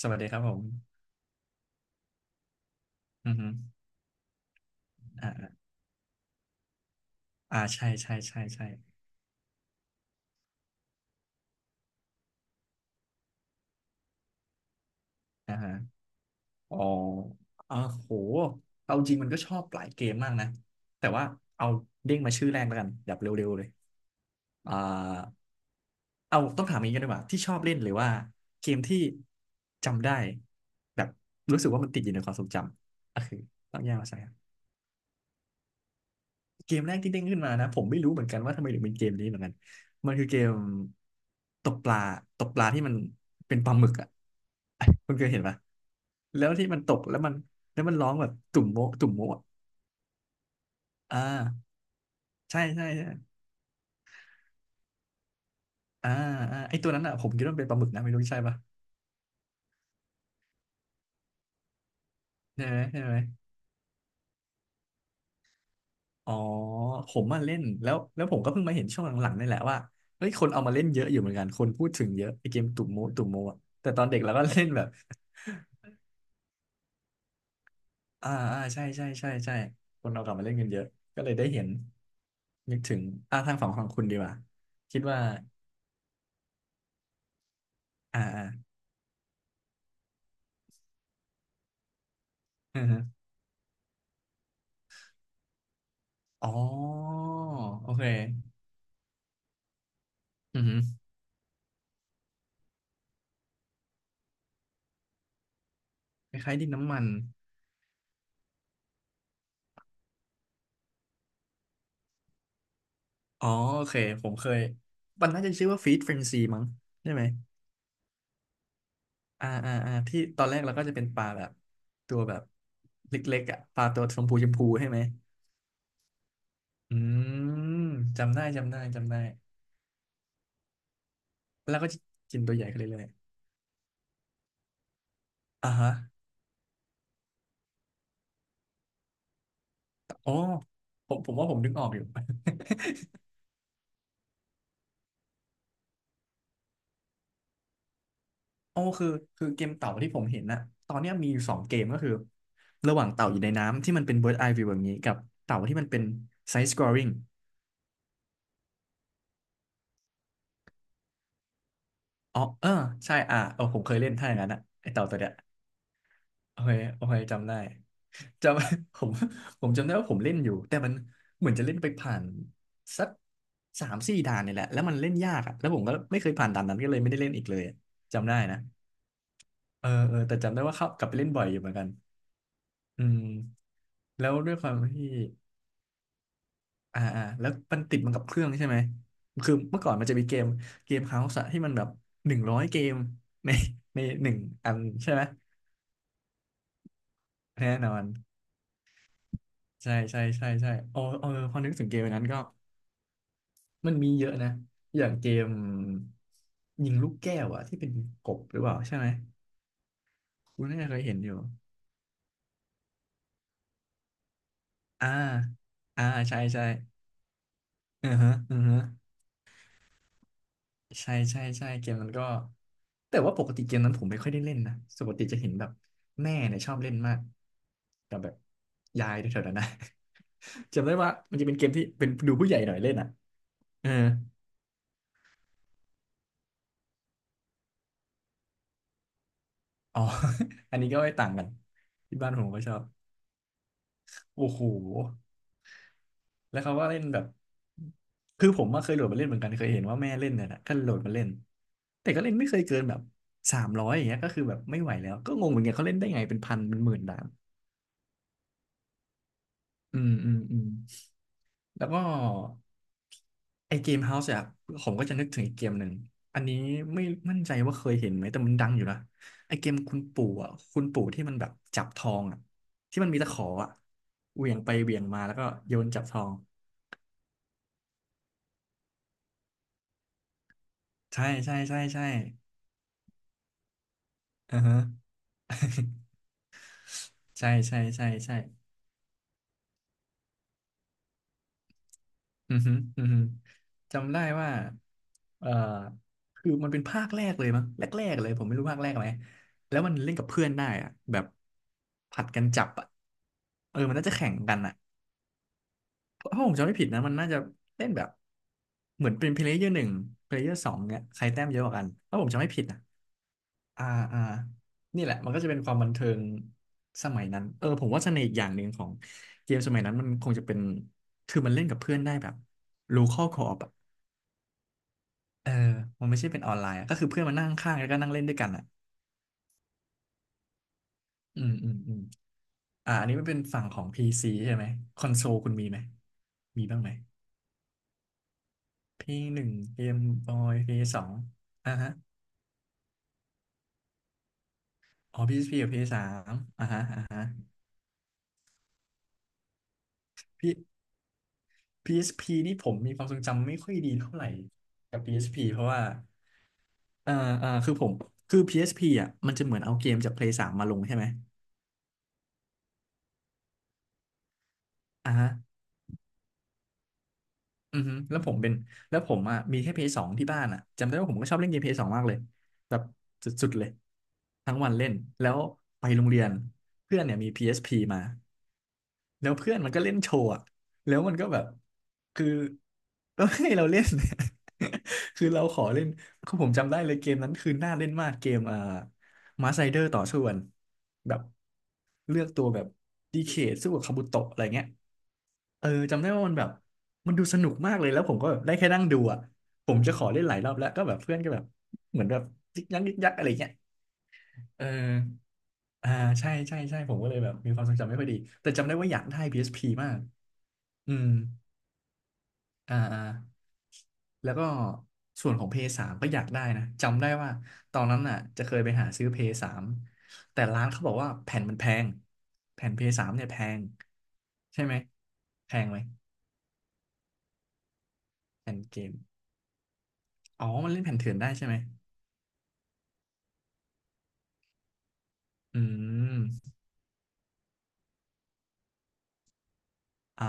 สวัสดีครับผมอือฮึอ่าอ่าอ่าใช่ใช่ใช่ใช่อ่าฮะอ๋ออ่าโห เอาจริงมันก็ชอบหลายเกมมากนะ แต่ว่าเอาเด้งมาชื่อแรกแล้วกันแบบเร็วๆเลยอ่าเอาต้องถามอย่างนี้กันดีกว่าที่ชอบเล่นหรือว่าเกมที่จำได้แบบรู้สึกว่ามันติดอยู่ในความทรงจำก็คือต้องแยกมาใช่ เกมแรกที่เด้งขึ้นมานะผมไม่รู้เหมือนกันว่าทำไมถึงเป็นเกมนี้เหมือนกันมันคือเกมตกปลาตกปลาที่มันเป็นปลาหมึกอ่ะ คุณเคยเห็นปะแล้วที่มันตกแล้วมันแล้วมันร้องแบบตุ่มโมะตุ่มโมะอะอ่าใช่ใช่ใช่อ่าอ่าไอตัวนั้นอ่ะผมคิดว่ามันเป็นปลาหมึกนะไม่รู้ใช่ปะใช่ไหมใช่ไหมอ๋อผมมาเล่นแล้วแล้วผมก็เพิ่งมาเห็นช่วงหลังๆนี่แหละว่าเฮ้ยคนเอามาเล่นเยอะอยู่เหมือนกันคนพูดถึงเยอะไอเกมตุ่มโมะตุ่มโมะอะแต่ตอนเด็กเราก็เล่นแบบ อ่าอ่าใช่ใช่ใช่ใช่คนเอากลับมาเล่นกันเยอะก็เลยได้เห็นนึกถึงอ่าทางฝั่งของคุณดีกว่าคิดว่าอ่าอ่าอือฮึอ๋อโอเคอือฮึคล้ายๆดินน้ำมันอ๋อโอเคผมเคยมันน่าจะชื่อว่าฟีดเฟรนซีมั้งใช่ไหมอ่าอ่าอ่าที่ตอนแรกเราก็จะเป็นปลาแบบตัวแบบเล็กๆอ่ะปลาตัวชมพูชมพูใช่ไหมอืมจำได้จำได้จำได้แล้วก็กินตัวใหญ่ขึ้นเรื่อยๆอ่าฮะ อ๋อผมผมว่าผมนึกออกอยู่ อ๋อคือคือเกมเต่าที่ผมเห็นนะตอนเนี้ยมีอยู่สองเกมก็คือระหว่างเต่าอยู่ในน้ำที่มันเป็น bird eye view แบบนี้กับเต่าที่มันเป็น side scrolling อ๋อเออใช่อ่ะเออผมเคยเล่นถ้าอย่างนั้นอะไอเต่าตัวเนี้ยโอเคโอเคจำได้จำ ผมผมจำได้ว่าผมเล่นอยู่แต่มันเหมือนจะเล่นไปผ่านสักสามสี่ด่านนี่แหละแล้วมันเล่นยากอะแล้วผมก็ไม่เคยผ่านด่านนั้นก็เลยไม่ได้เล่นอีกเลยอะจำได้นะเออเออแต่จำได้ว่าเข้ากลับไปเล่นบ่อยอยู่เหมือนกัน อืมแล้วด้วยความที่อ่าอ่าแล้วมันติดมันกับเครื่องใช่ไหมคือเมื่อก่อนมันจะมีเกมเฮาส์ที่มันแบบหนึ่งร้อยเกมในในหนึ่งอันใช่ไหมแน่นอนใช่ใช่ใช่ใช่โอ้เออพอนึกถึงเกมอันนั้นก็มันมีเยอะนะอย่างเกมยิงลูกแก้วอะที่เป็นกบหรือเปล่าใช่ไหมคุณน่าจะเคยเห็นอยู่อ่าอ่าใช่ใช่อือฮะอือฮะ ใช่ใช่ใช่เกมนั้นก็แต่ว่าปกติเกมนั้นผมไม่ค่อยได้เล่นนะปกติจะเห็นแบบแม่เนี่ยชอบเล่นมากกับแบบยายแถวๆนั้นนะ จำได้ว่ามันจะเป็นเกมที่เป็นดูผู้ใหญ่หน่อยเล่นอ่ะเอออ๋อ อันนี้ก็ไม่ต่างกันที่บ้านผมก็ชอบโอ้โหแล้วเขาก็เล่นแบบคือผมมาเคยโหลดมาเล่นเหมือนกันเคยเห็นว่าแม่เล่นเนี่ยนะก็โหลดมาเล่นแต่ก็เล่นไม่เคยเกินแบบสามร้อยอย่างเงี้ยก็คือแบบไม่ไหวแล้วก็งงเหมือนกันเขาเล่นได้ไงเป็นพันเป็นหมื่นด่านอืมอืมอืม แล้วก็ไอเกมเฮาส์อะผมก็จะนึกถึงอีกเกมหนึ่งอันนี้ไม่มั่นใจว่าเคยเห็นไหมแต่มันดังอยู่นะไอเกมคุณปู่อะคุณปู่ที่มันแบบจับทองอะที่มันมีตะขออะเหวี่ยงไปเหวี่ยงมาแล้วก็โยนจับทองใช่ใช่ใช่ใช่อ่าฮะใช่ใช่ใช่ใช่ อือฮึอือฮึจำได้ว่าเอ่อคือมันเป็นภาคแรกเลยมั้งแรกๆเลยผมไม่รู้ภาคแรกไหม แล้วมันเล่นกับเพื่อนได้อะแบบผัดกันจับอะเออมันน่าจะแข่งกันอะ ถ้าผมจำไม่ผิดนะมันน่าจะเล่นแบบเหมือนเป็นเพลเยอร์หนึ่งเพลเยอร์สองเนี่ยใครแต้มเยอะกว่ากันถ้าผมจำไม่ผิดนะอ่าอ่านี่แหละมันก็จะเป็นความบันเทิงสมัยนั้นเออผมว่าเสน่ห์อีกอย่างหนึ่งของเกมสมัยนั้นมันคงจะเป็นคือมันเล่นกับเพื่อนได้แบบ local co-op อะเออมันไม่ใช่เป็นออนไลน์อะก็คือเพื่อนมานั่งข้างๆแล้วก็นั่งเล่นด้วยกันอ่ะอืมอืมอืมอ่าอันนี้มันเป็นฝั่งของ PC ใช่ไหมคอนโซลคุณมีไหมมีบ้างไหม p หนึ่งเกมบอย p สองอ่าฮะ อ๋อ PSP กับ PS3 อสสามอ่าฮะอ่าฮะพี่ PSP นี่ผมมีความทรงจำไม่ค่อยดีเท่าไหร่กับ PSP เพราะว่าเอ่อเอ่อคือผม คือ PSP อสพีอ่ะมันจะเหมือนเอาเกมจาก Play 3มมาลงใช่ไหมอ่าฮะ อือฮึแล้วผมอ่ะมีแค่ PS 2ที่บ้านอ่ะ จำได้ว่าผมก็ชอบเล่นเกม PS 2มากเลยแบบสุดๆ เลยทั้งวันเล่น แล้วไปโรงเรียนเพื่อนเนี่ยมี PSP มา แล้วเพื่อนมันก็เล่นโชว์อะแล้วมันก็แบบคือ ก็ให้เราเล่น คือเราขอเล่นคือผมจำได้เลยเกมนั้นคือน่าเล่นมากเกมอ่ามาไซเดอร์ต่อสู้กันแบบเลือกตัวแบบดีเคสู้กับคาบุโตะอะไรเงี้ยเออจำได้ว่ามันแบบมันดูสนุกมากเลยแล้วผมก็แบบได้แค่นั่งดูอ่ะผมจะขอเล่นหลายรอบแล้วก็แบบเพื่อนก็แบบเหมือนแบบยิกยักยิกยักอะไรเงี้ยเอออ่าใช่ใช่ใช่ผมก็เลยแบบมีความทรงจำไม่ค่อยดีแต่จำได้ว่าอยากได้พีเอสพีมากอืม อ่าอ่าแล้วก็ส่วนของ พเอสสามก็อยากได้นะจำได้ว่าตอนนั้นน่ะจะเคยไปหาซื้อ พเอสสามแต่ร้านเขาบอกว่าแผ่นมันแพงแผ่น พเอสสามเนี่ยแพงใช่ไหมแพงไหมแผ่นเกมอ๋อมันเล่นแผ่นเถื่อนได้ใช่ไหมอืมอ่า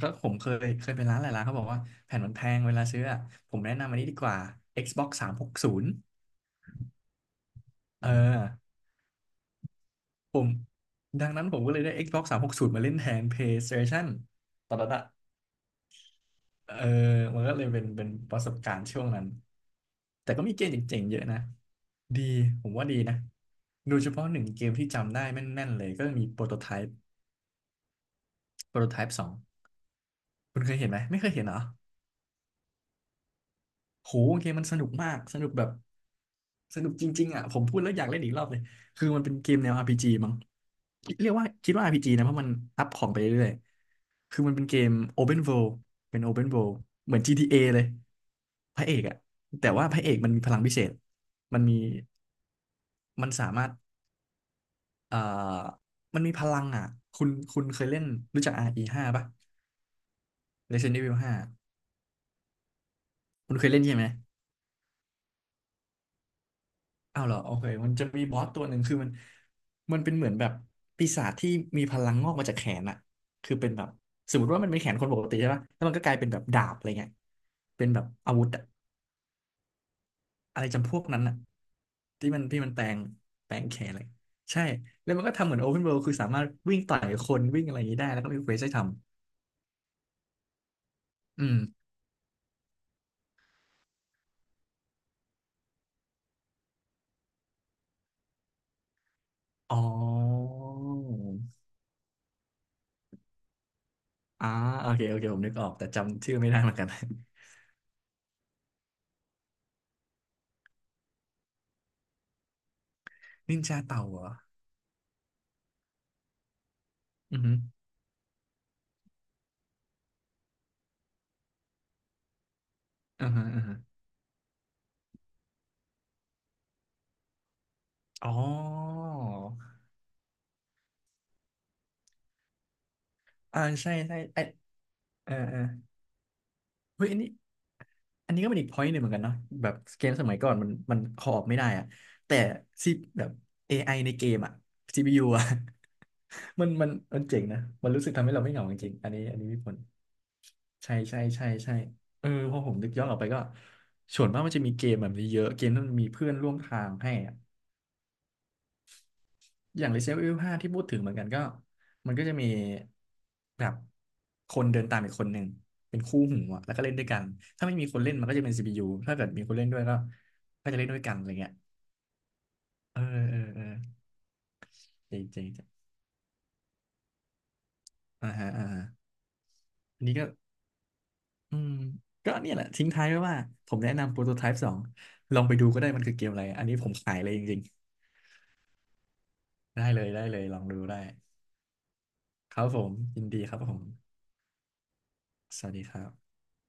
ก็ผมเคยไปร้านหลายร้านเขาบอกว่าแผ่นมันแพงเวลาซื้ออะผมแนะนำอันนี้ดีกว่า Xbox สามหกศูนย์เออผมดังนั้นผมก็เลยได้ Xbox 360มหกศูนย์มาเล่นแทน PlayStation ตอนนั้นอะ เออมันก็เลยเป็นประสบการณ์ช่วงนั้น แต่ก็มีเกมเจ๋งๆเยอะนะ ดี ผมว่าดีนะโดยเฉพาะหนึ่งเกมที่จำได้แม่นๆเลยก็มีโปรโตไทป์โปรโตไทป์สอง คุณเคยเห็นไหม ไม่เคยเห็นเหรอ โหเกมมันสนุกมาก สนุกแบบสนุกจริงๆอ่ะผมพูดแล้วอยากเล่นอีกรอบเลย คือมันเป็นเกมแนว RPG มั้งเรียกว่าคิดว่าอาร์พีจีนะเพราะมันอัพของไปเรื่อย คือมันเป็นเกม Open World เป็น Open World เหมือน GTA เอเลยพระเอกอะแต่ว่าพระเอกมันมีพลังพิเศษมันมีมันสามารถเอ่อมันมีพลังอะคุณเคยเล่นรู้จัก RE5 ป่ะ Resident Evil 5คุณเคยเล่นใช่ไหมอ้าวเหรอโอเคมันจะมีบอสตัวหนึ่งคือมันมันเป็นเหมือนแบบปีศาจที่มีพลังงอกมาจากแขนอะคือเป็นแบบสมมติว่ามันเป็นแขนคนปกติใช่ป่ะแล้วมันก็กลายเป็นแบบดาบอะไรเงี้ยเป็นแบบอาวุธอะ อะไรจำพวกนั้นอะที่มันแปลงแปลงแขนอะไรใช่แล้วมันก็ทำเหมือนโอเพนเวิลด์คือสามารถวิ่งต่อยคนวิ่งอะไรอย่างนี้ได้แล้วก็มีเควสให้ทำอืมอ๋ออ่าโอเคโอเคผมนึกออกแต่จำชื่อไม่ได้เหมือนกัน นินจาเต่าเหรออือฮึอือฮึอือฮึอ๋ออ่าใช่ใช่ไอเออเออ เฮ้ยอันนี้อันนี้ก็เป็นอีก point หนึ่งเหมือนกันเนาะแบบเกมสมัยก่อนมันคออไม่ได้อะแต่ซีแบบ AI ในเกมอะ CPU อะ มันมันมันเจ๋งนะมันรู้สึกทำให้เราไม่เหงาจริงๆอันนี้มีผลใช่ใช่ใช่ใช่เออพอผมนึกย้อนออกไปก็ส่วนมากมันจะมีเกมแบบนี้เยอะเกมที่มันมีเพื่อนร่วมทางให้อะ อย่าง Resident Evil 5ที่พูดถึงเหมือนกันก็มันก็จะมีแบบคนเดินตามอีกคนหนึ่งเป็นคู่หูอะแล้วก็เล่นด้วยกันถ้าไม่มีคนเล่นมันก็จะเป็น CPU ถ้าเกิดมีคนเล่นด้วยก็จะเล่นด้วยกันอะไรเงี้ยเออเออเออจริงจริงอ่าฮะอ่าฮะอันนี้ก็อืมก็เนี่ยแหละทิ้งท้ายไว้ว่าผมแนะนำโปรโตไทป์สองลองไปดูก็ได้มันคือเกมอะไรอันนี้ผมขายเลยจริงๆได้เลยได้เลยลองดูได้ครับผมยินดีครับผมสวัสดีครับ